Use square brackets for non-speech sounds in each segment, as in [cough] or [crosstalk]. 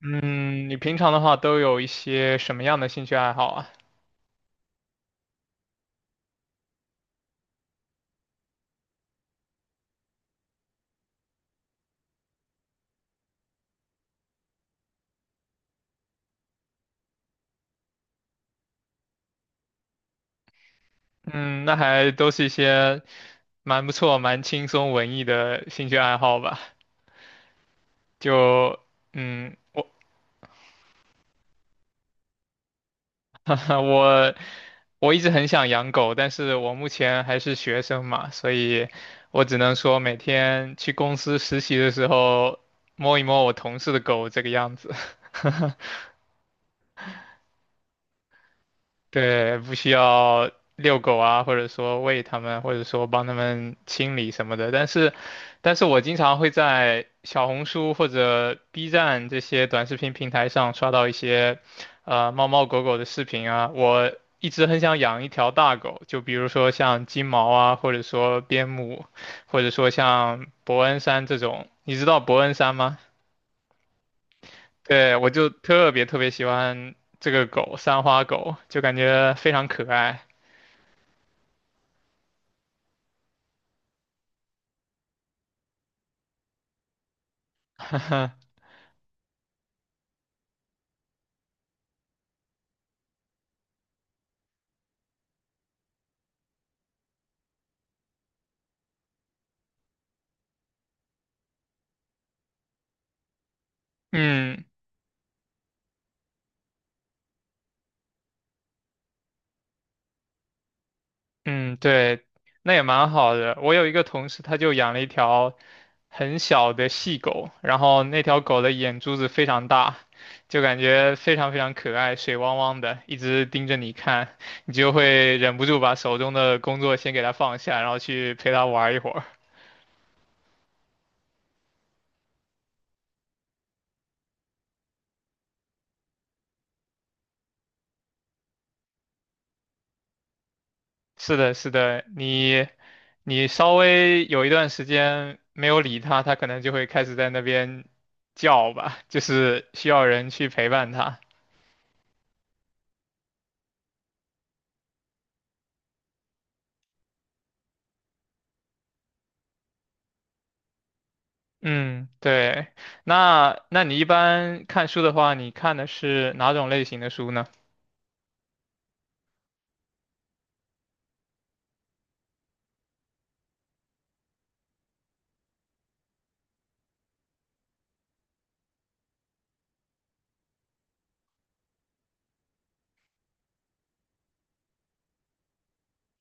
嗯，你平常的话都有一些什么样的兴趣爱好啊？嗯，那还都是一些蛮不错、蛮轻松、文艺的兴趣爱好吧。就我 [laughs] 我我一直很想养狗，但是我目前还是学生嘛，所以我只能说每天去公司实习的时候摸一摸我同事的狗这个样子。[laughs] 对，不需要遛狗啊，或者说喂它们，或者说帮它们清理什么的。但是我经常会在小红书或者 B 站这些短视频平台上刷到一些，猫猫狗狗的视频啊。我一直很想养一条大狗，就比如说像金毛啊，或者说边牧，或者说像伯恩山这种。你知道伯恩山吗？对，我就特别特别喜欢这个狗，三花狗，就感觉非常可爱。[laughs] 嗯嗯，对，那也蛮好的。我有一个同事，他就养了一条很小的细狗，然后那条狗的眼珠子非常大，就感觉非常非常可爱，水汪汪的，一直盯着你看，你就会忍不住把手中的工作先给它放下，然后去陪它玩一会儿。是的，是的，你稍微有一段时间没有理它，它可能就会开始在那边叫吧，就是需要人去陪伴它。嗯，对。那你一般看书的话，你看的是哪种类型的书呢？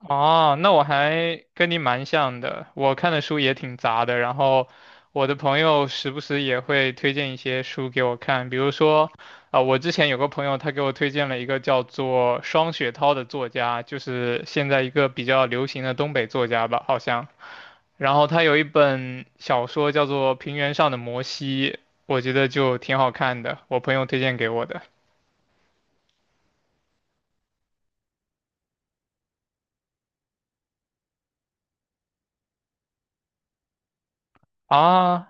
哦，那我还跟你蛮像的，我看的书也挺杂的，然后我的朋友时不时也会推荐一些书给我看，比如说，我之前有个朋友他给我推荐了一个叫做双雪涛的作家，就是现在一个比较流行的东北作家吧，好像。然后他有一本小说叫做《平原上的摩西》，我觉得就挺好看的，我朋友推荐给我的。啊，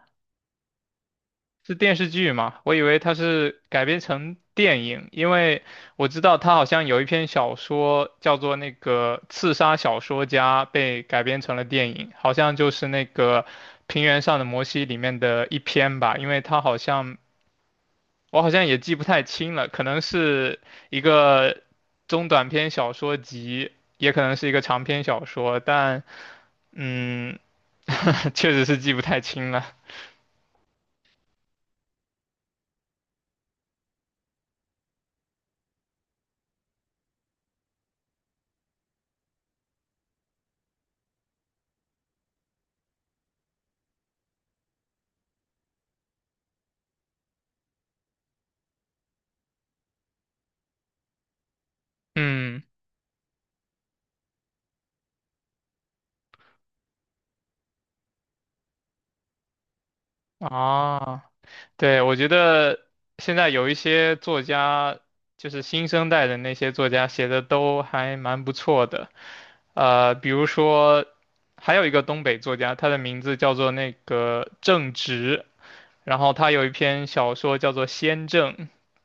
是电视剧吗？我以为它是改编成电影，因为我知道他好像有一篇小说叫做那个《刺杀小说家》，被改编成了电影，好像就是那个《平原上的摩西》里面的一篇吧，因为他好像我好像也记不太清了，可能是一个中短篇小说集，也可能是一个长篇小说，但嗯，[laughs] 确实是记不太清了。嗯，啊，对，我觉得现在有一些作家，就是新生代的那些作家写的都还蛮不错的，比如说还有一个东北作家，他的名字叫做那个郑直，然后他有一篇小说叫做《仙症》，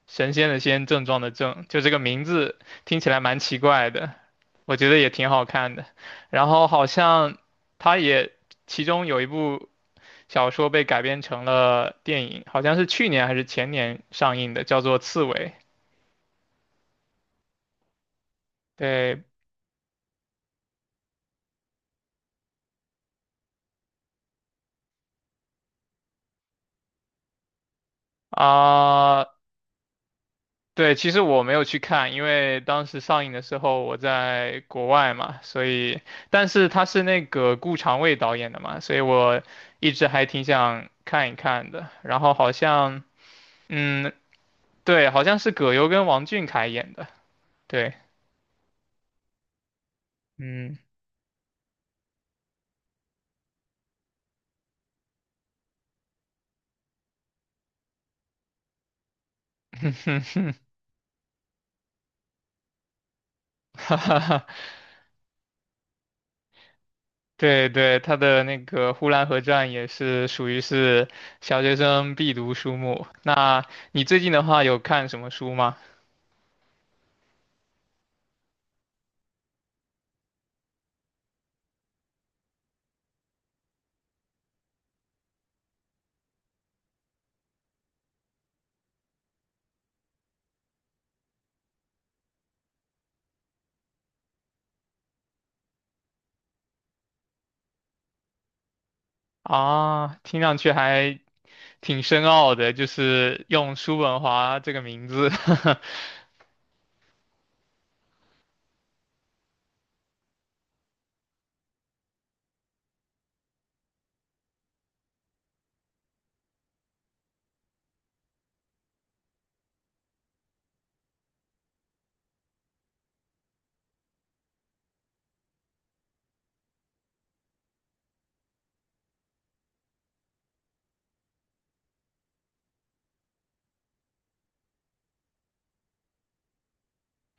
神仙的仙，症状的症，就这个名字听起来蛮奇怪的，我觉得也挺好看的。然后好像他也其中有一部小说被改编成了电影，好像是去年还是前年上映的，叫做《刺猬》。对啊、对，其实我没有去看，因为当时上映的时候我在国外嘛，所以，但是他是那个顾长卫导演的嘛，所以我一直还挺想看一看的。然后好像，嗯，对，好像是葛优跟王俊凯演的，对，嗯，[laughs] 哈哈哈，对对，他的那个《呼兰河传》也是属于是小学生必读书目。那你最近的话有看什么书吗？啊，听上去还挺深奥的，就是用叔本华这个名字。[laughs]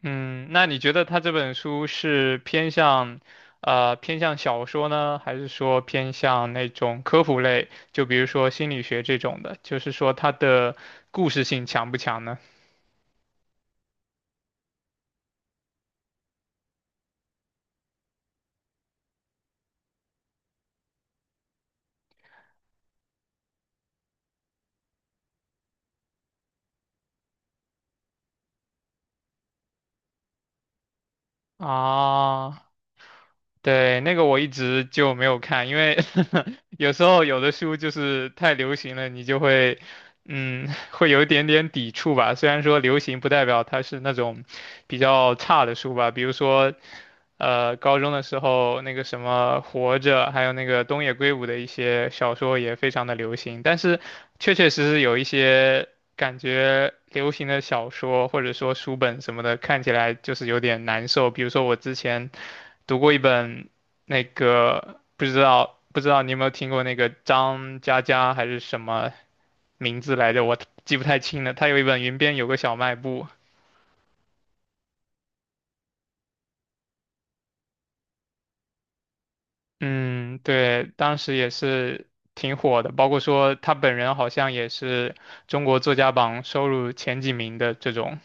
嗯，那你觉得他这本书是偏向，偏向小说呢，还是说偏向那种科普类，就比如说心理学这种的？就是说它的故事性强不强呢？啊，对，那个我一直就没有看，因为 [laughs] 有时候有的书就是太流行了，你就会，嗯，[laughs] 会有一点点抵触吧。虽然说流行不代表它是那种比较差的书吧，比如说，高中的时候那个什么《活着》，还有那个东野圭吾的一些小说也非常的流行，但是确确实实有一些感觉流行的小说或者说书本什么的，看起来就是有点难受。比如说我之前,读过一本那个不知道你有没有听过那个张嘉佳还是什么名字来着，我记不太清了。他有一本《云边有个小卖部》，嗯，对，当时也是挺火的，包括说他本人好像也是中国作家榜收入前几名的这种，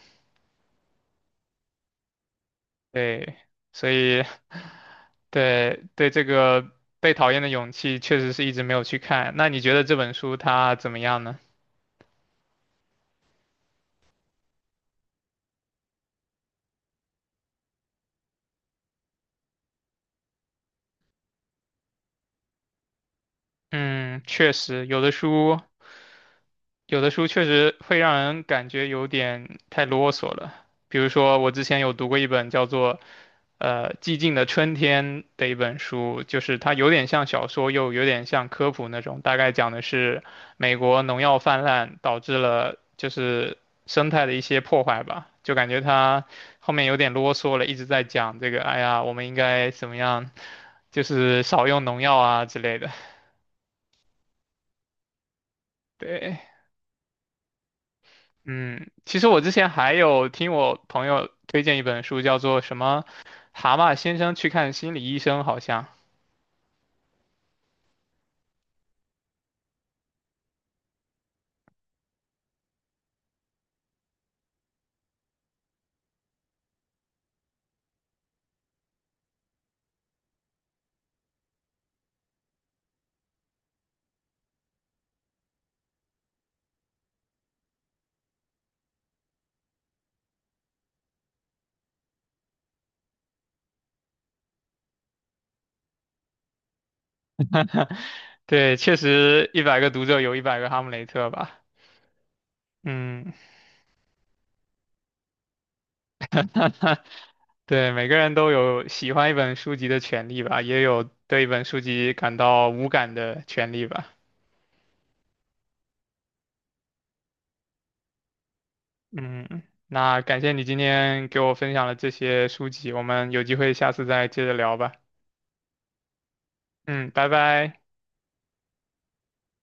对，所以对对这个《被讨厌的勇气》确实是一直没有去看。那你觉得这本书它怎么样呢？嗯，确实，有的书确实会让人感觉有点太啰嗦了。比如说，我之前有读过一本叫做《寂静的春天》的一本书，就是它有点像小说，又有点像科普那种。大概讲的是美国农药泛滥导致了就是生态的一些破坏吧，就感觉它后面有点啰嗦了，一直在讲这个，哎呀，我们应该怎么样，就是少用农药啊之类的。[laughs] 对。嗯，其实我之前还有听我朋友推荐一本书，叫做什么《蛤蟆先生去看心理医生》，好像。对，确实一百个读者有一百个哈姆雷特吧。嗯，对，每个人都有喜欢一本书籍的权利吧，也有对一本书籍感到无感的权利吧。嗯，那感谢你今天给我分享了这些书籍，我们有机会下次再接着聊吧。嗯，拜拜。